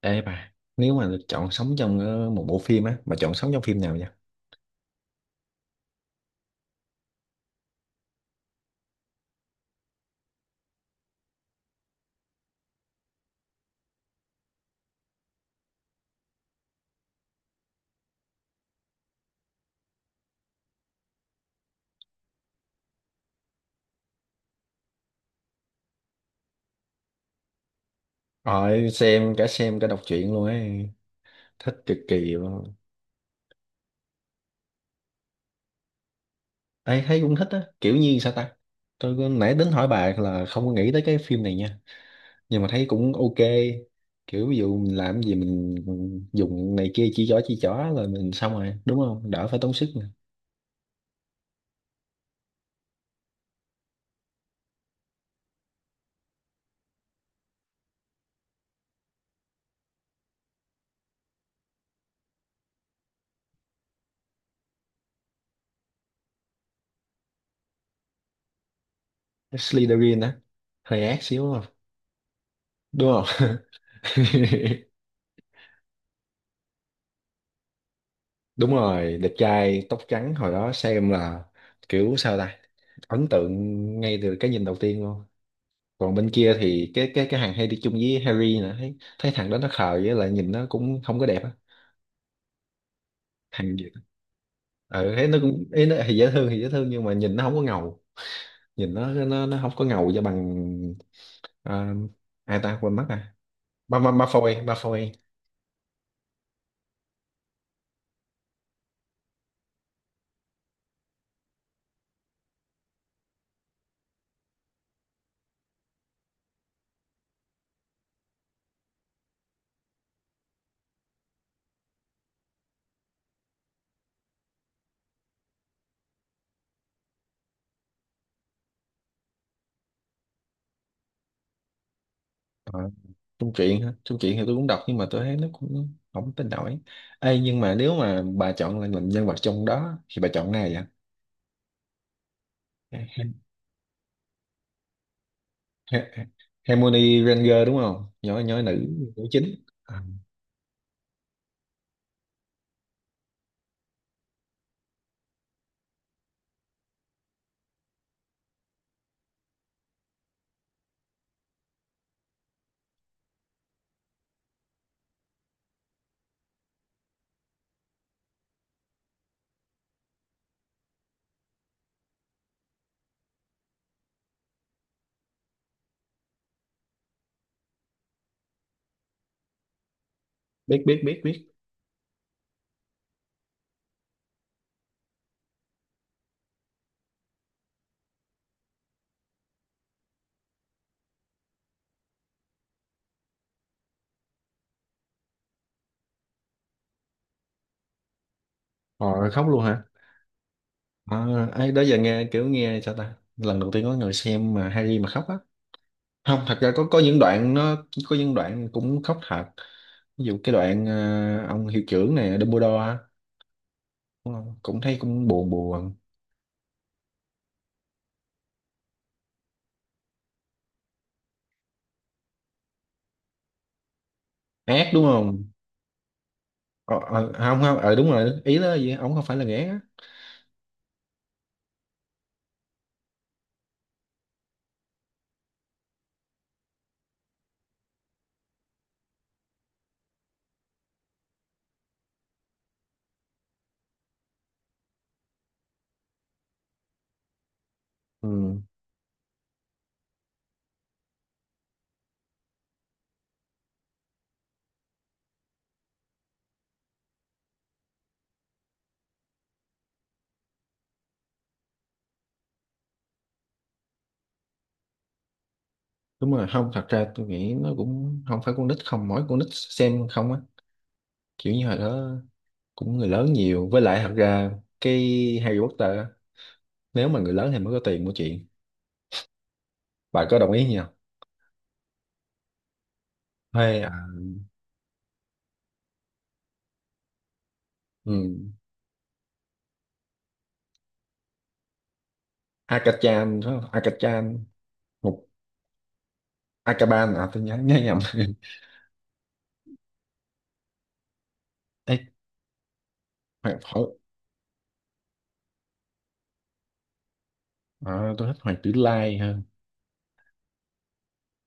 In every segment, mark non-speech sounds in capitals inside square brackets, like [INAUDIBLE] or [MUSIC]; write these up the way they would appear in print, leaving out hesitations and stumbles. Ê bà, nếu mà được chọn sống trong một bộ phim á, mà chọn sống trong phim nào vậy? Rồi xem cả đọc truyện luôn ấy, thích cực kỳ luôn. Ê, thấy cũng thích á, kiểu như sao ta? Nãy tính hỏi bà là không có nghĩ tới cái phim này nha, nhưng mà thấy cũng ok. Kiểu ví dụ mình làm gì mình dùng này kia, chỉ chó rồi mình xong rồi, đúng không? Đỡ phải tốn sức nè. Slytherin á, hơi ác xíu đúng không? Đúng không? [LAUGHS] Đúng rồi, đẹp trai tóc trắng, hồi đó xem là kiểu sao ta, ấn tượng ngay từ cái nhìn đầu tiên luôn. Còn bên kia thì cái hàng hay đi chung với Harry nữa, thấy thấy thằng đó nó khờ với lại nhìn nó cũng không có đẹp á, thằng Việt á. Ừ, thấy nó cũng, ý nó thì dễ thương nhưng mà nhìn nó không có ngầu, nhìn nó không có ngầu cho bằng. À, ai ta quên mất, à ba ba ba phôi ba phôi. Trung truyện hả? Trung truyện thì tôi cũng đọc nhưng mà tôi thấy nó cũng không tin nổi. Ê, nhưng mà nếu mà bà chọn là làm nhân vật trong đó thì bà chọn ai vậy? Ha- Ha- Hermione Granger đúng không? Nhỏ nhỏ, nữ nữ chính. À, biết biết biết biết. Họ khóc luôn hả? À, ấy đó giờ nghe kiểu nghe sao ta? Lần đầu tiên có người xem mà Harry mà khóc á. Không, thật ra có những đoạn nó, có những đoạn cũng khóc thật. Ví dụ cái đoạn ông hiệu trưởng này Dumbledore á, đúng không? Cũng thấy cũng buồn buồn. Ác đúng không? Ờ, Không không, đúng rồi, ý đó là gì, ổng không phải là ghẻ á. Ừ, đúng rồi. Không, thật ra tôi nghĩ nó cũng không phải con nít, không mỗi con nít xem không á, kiểu như hồi đó cũng người lớn nhiều, với lại thật ra cái Harry Potter á, nếu mà người lớn thì mới có tiền mua chuyện, bà có đồng ý nhỉ, hay à, ừ. Akachan phải không? Akachan một Akaban, à tôi nhớ nhớ nhầm. [LAUGHS] Ê, hỏi à, tôi thích Hoàng Tử Lai hơn.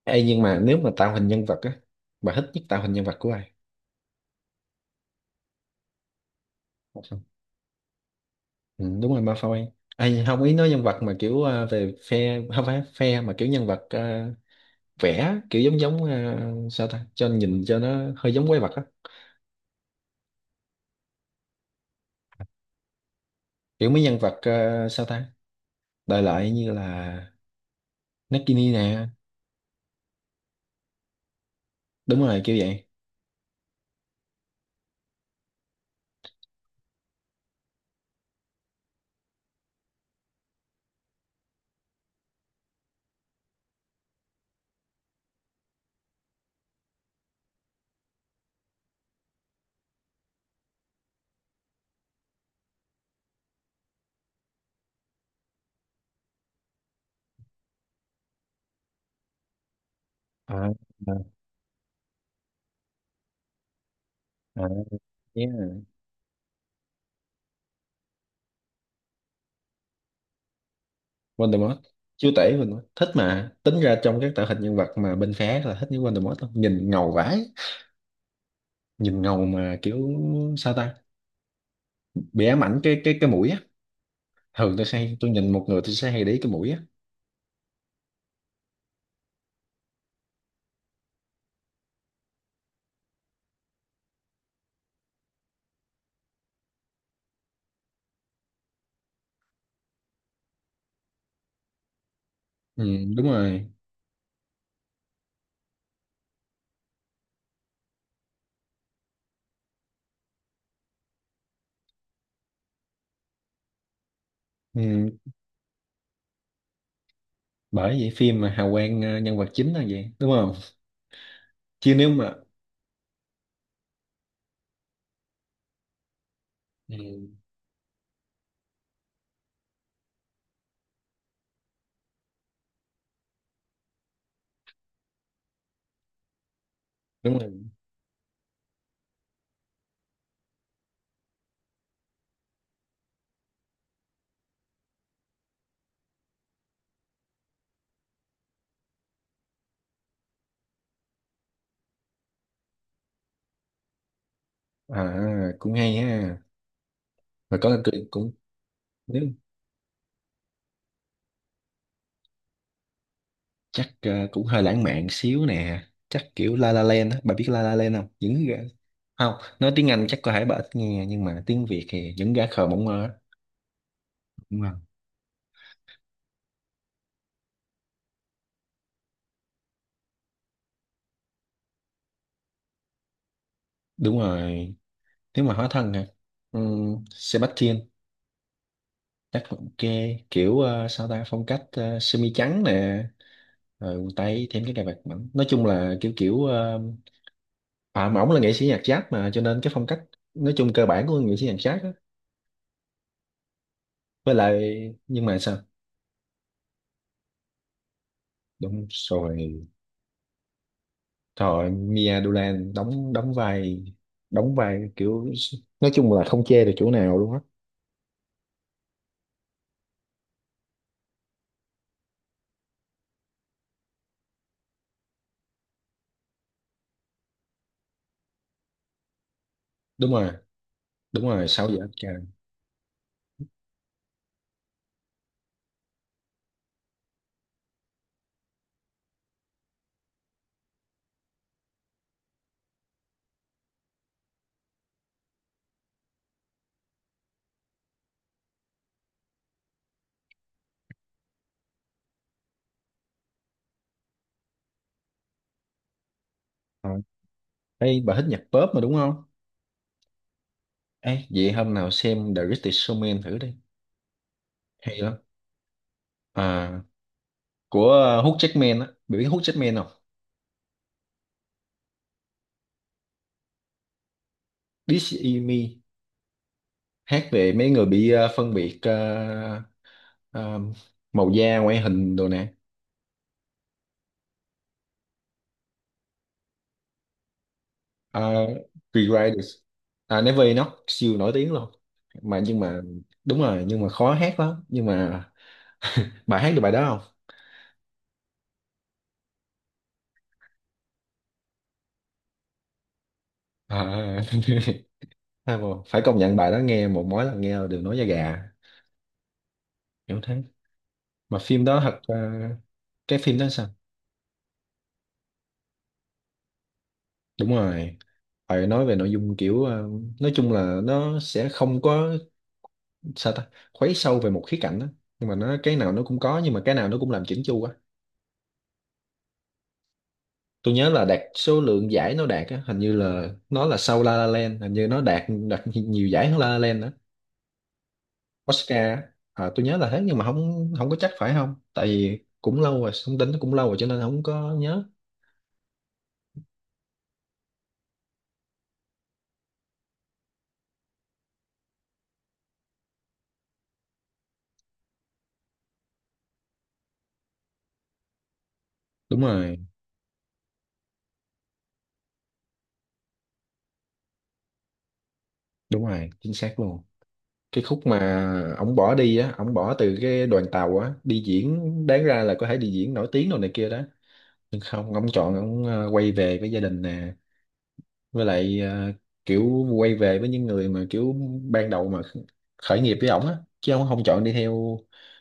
Ê, nhưng mà nếu mà tạo hình nhân vật á, bà thích nhất tạo hình nhân vật của ai? Ừ, đúng rồi Malfoy. Ai không, ý nói nhân vật mà kiểu về phe không phải phe mà kiểu nhân vật, vẽ kiểu giống giống, sao ta, cho nhìn cho nó hơi giống quái vật á, kiểu mấy nhân vật sao ta, đại loại như là Nagini nè, đúng rồi kiểu vậy. À, à, à, yeah. Voldemort, chúa tể Voldemort thích mà, tính ra trong các tạo hình nhân vật mà bên phé là thích những Voldemort lắm. Nhìn ngầu vãi, nhìn ngầu mà kiểu sao ta, bị ám ảnh cái mũi á. Thường tôi hay, tôi nhìn một người tôi sẽ hay để ý cái mũi á. Ừ, đúng rồi. Ừ, bởi vậy phim mà hào quang nhân vật chính là vậy đúng không, chứ nếu mà ừ, đúng rồi, à cũng hay ha, và có cười cũng, nếu chắc cũng hơi lãng mạn xíu nè, chắc kiểu La La Land á, bà biết La La Land không, những gã, không, nói tiếng Anh chắc có thể bà ít nghe nhưng mà tiếng Việt thì những gã khờ mộng mơ á. Đúng không? Đúng rồi, nếu mà hóa thân hả, ừ, Sebastian chắc cũng ok, kiểu sao ta, phong cách semi trắng nè, rồi quần tây thêm cái cài vạt mỏng, nói chung là kiểu kiểu, à mà ổng là nghệ sĩ nhạc jazz mà cho nên cái phong cách, nói chung cơ bản của nghệ sĩ nhạc jazz á, với lại nhưng mà sao, đúng rồi, thôi Mia Dolan đóng, đóng vai kiểu, nói chung là không chê được chỗ nào luôn á, đúng rồi. Đúng rồi, sao vậy trời. Thôi, ê, bà thích nhạc pop mà đúng không? Ê, vậy hôm nào xem The Greatest Showman thử đi, hay lắm, à của Hugh Jackman á, biết Hugh Jackman không? This Is Me, hát về mấy người bị phân biệt, ờ, màu da ngoại hình đồ nè, uh, Riders, à, Never Enough siêu nổi tiếng luôn, mà nhưng mà đúng rồi, nhưng mà khó hát lắm, nhưng mà bà hát được bài đó không? À, [LAUGHS] hay mà, phải công nhận bài đó nghe một, mỗi lần nghe là đều nói da gà, kiểu thế. Mà phim đó thật cái phim đó sao? Đúng rồi, phải nói về nội dung kiểu nói chung là nó sẽ không có sao ta, khuấy sâu về một khía cạnh đó, nhưng mà nó cái nào nó cũng có, nhưng mà cái nào nó cũng làm chỉnh chu quá. Tôi nhớ là đạt số lượng giải nó đạt á, hình như là nó là sau La La Land, hình như nó đạt đạt nhiều giải hơn La La Land đó, Oscar á. À, tôi nhớ là thế nhưng mà không không có chắc phải không, tại vì cũng lâu rồi, thông tin nó cũng lâu rồi cho nên không có nhớ. Đúng rồi, đúng rồi chính xác luôn. Cái khúc mà ổng bỏ đi á, ổng bỏ từ cái đoàn tàu á đi diễn, đáng ra là có thể đi diễn nổi tiếng đồ này kia đó, nhưng không, ông chọn ông quay về với gia đình nè, với lại kiểu quay về với những người mà kiểu ban đầu mà khởi nghiệp với ổng á, chứ ông không chọn đi theo,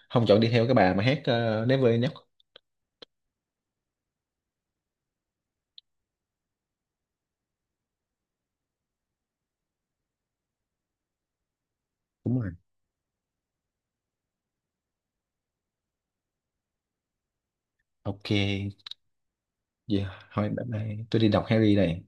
không chọn đi theo cái bà mà hát, Never Enough. Đúng rồi, ok vậy thôi, bye bye tôi đi đọc Harry này.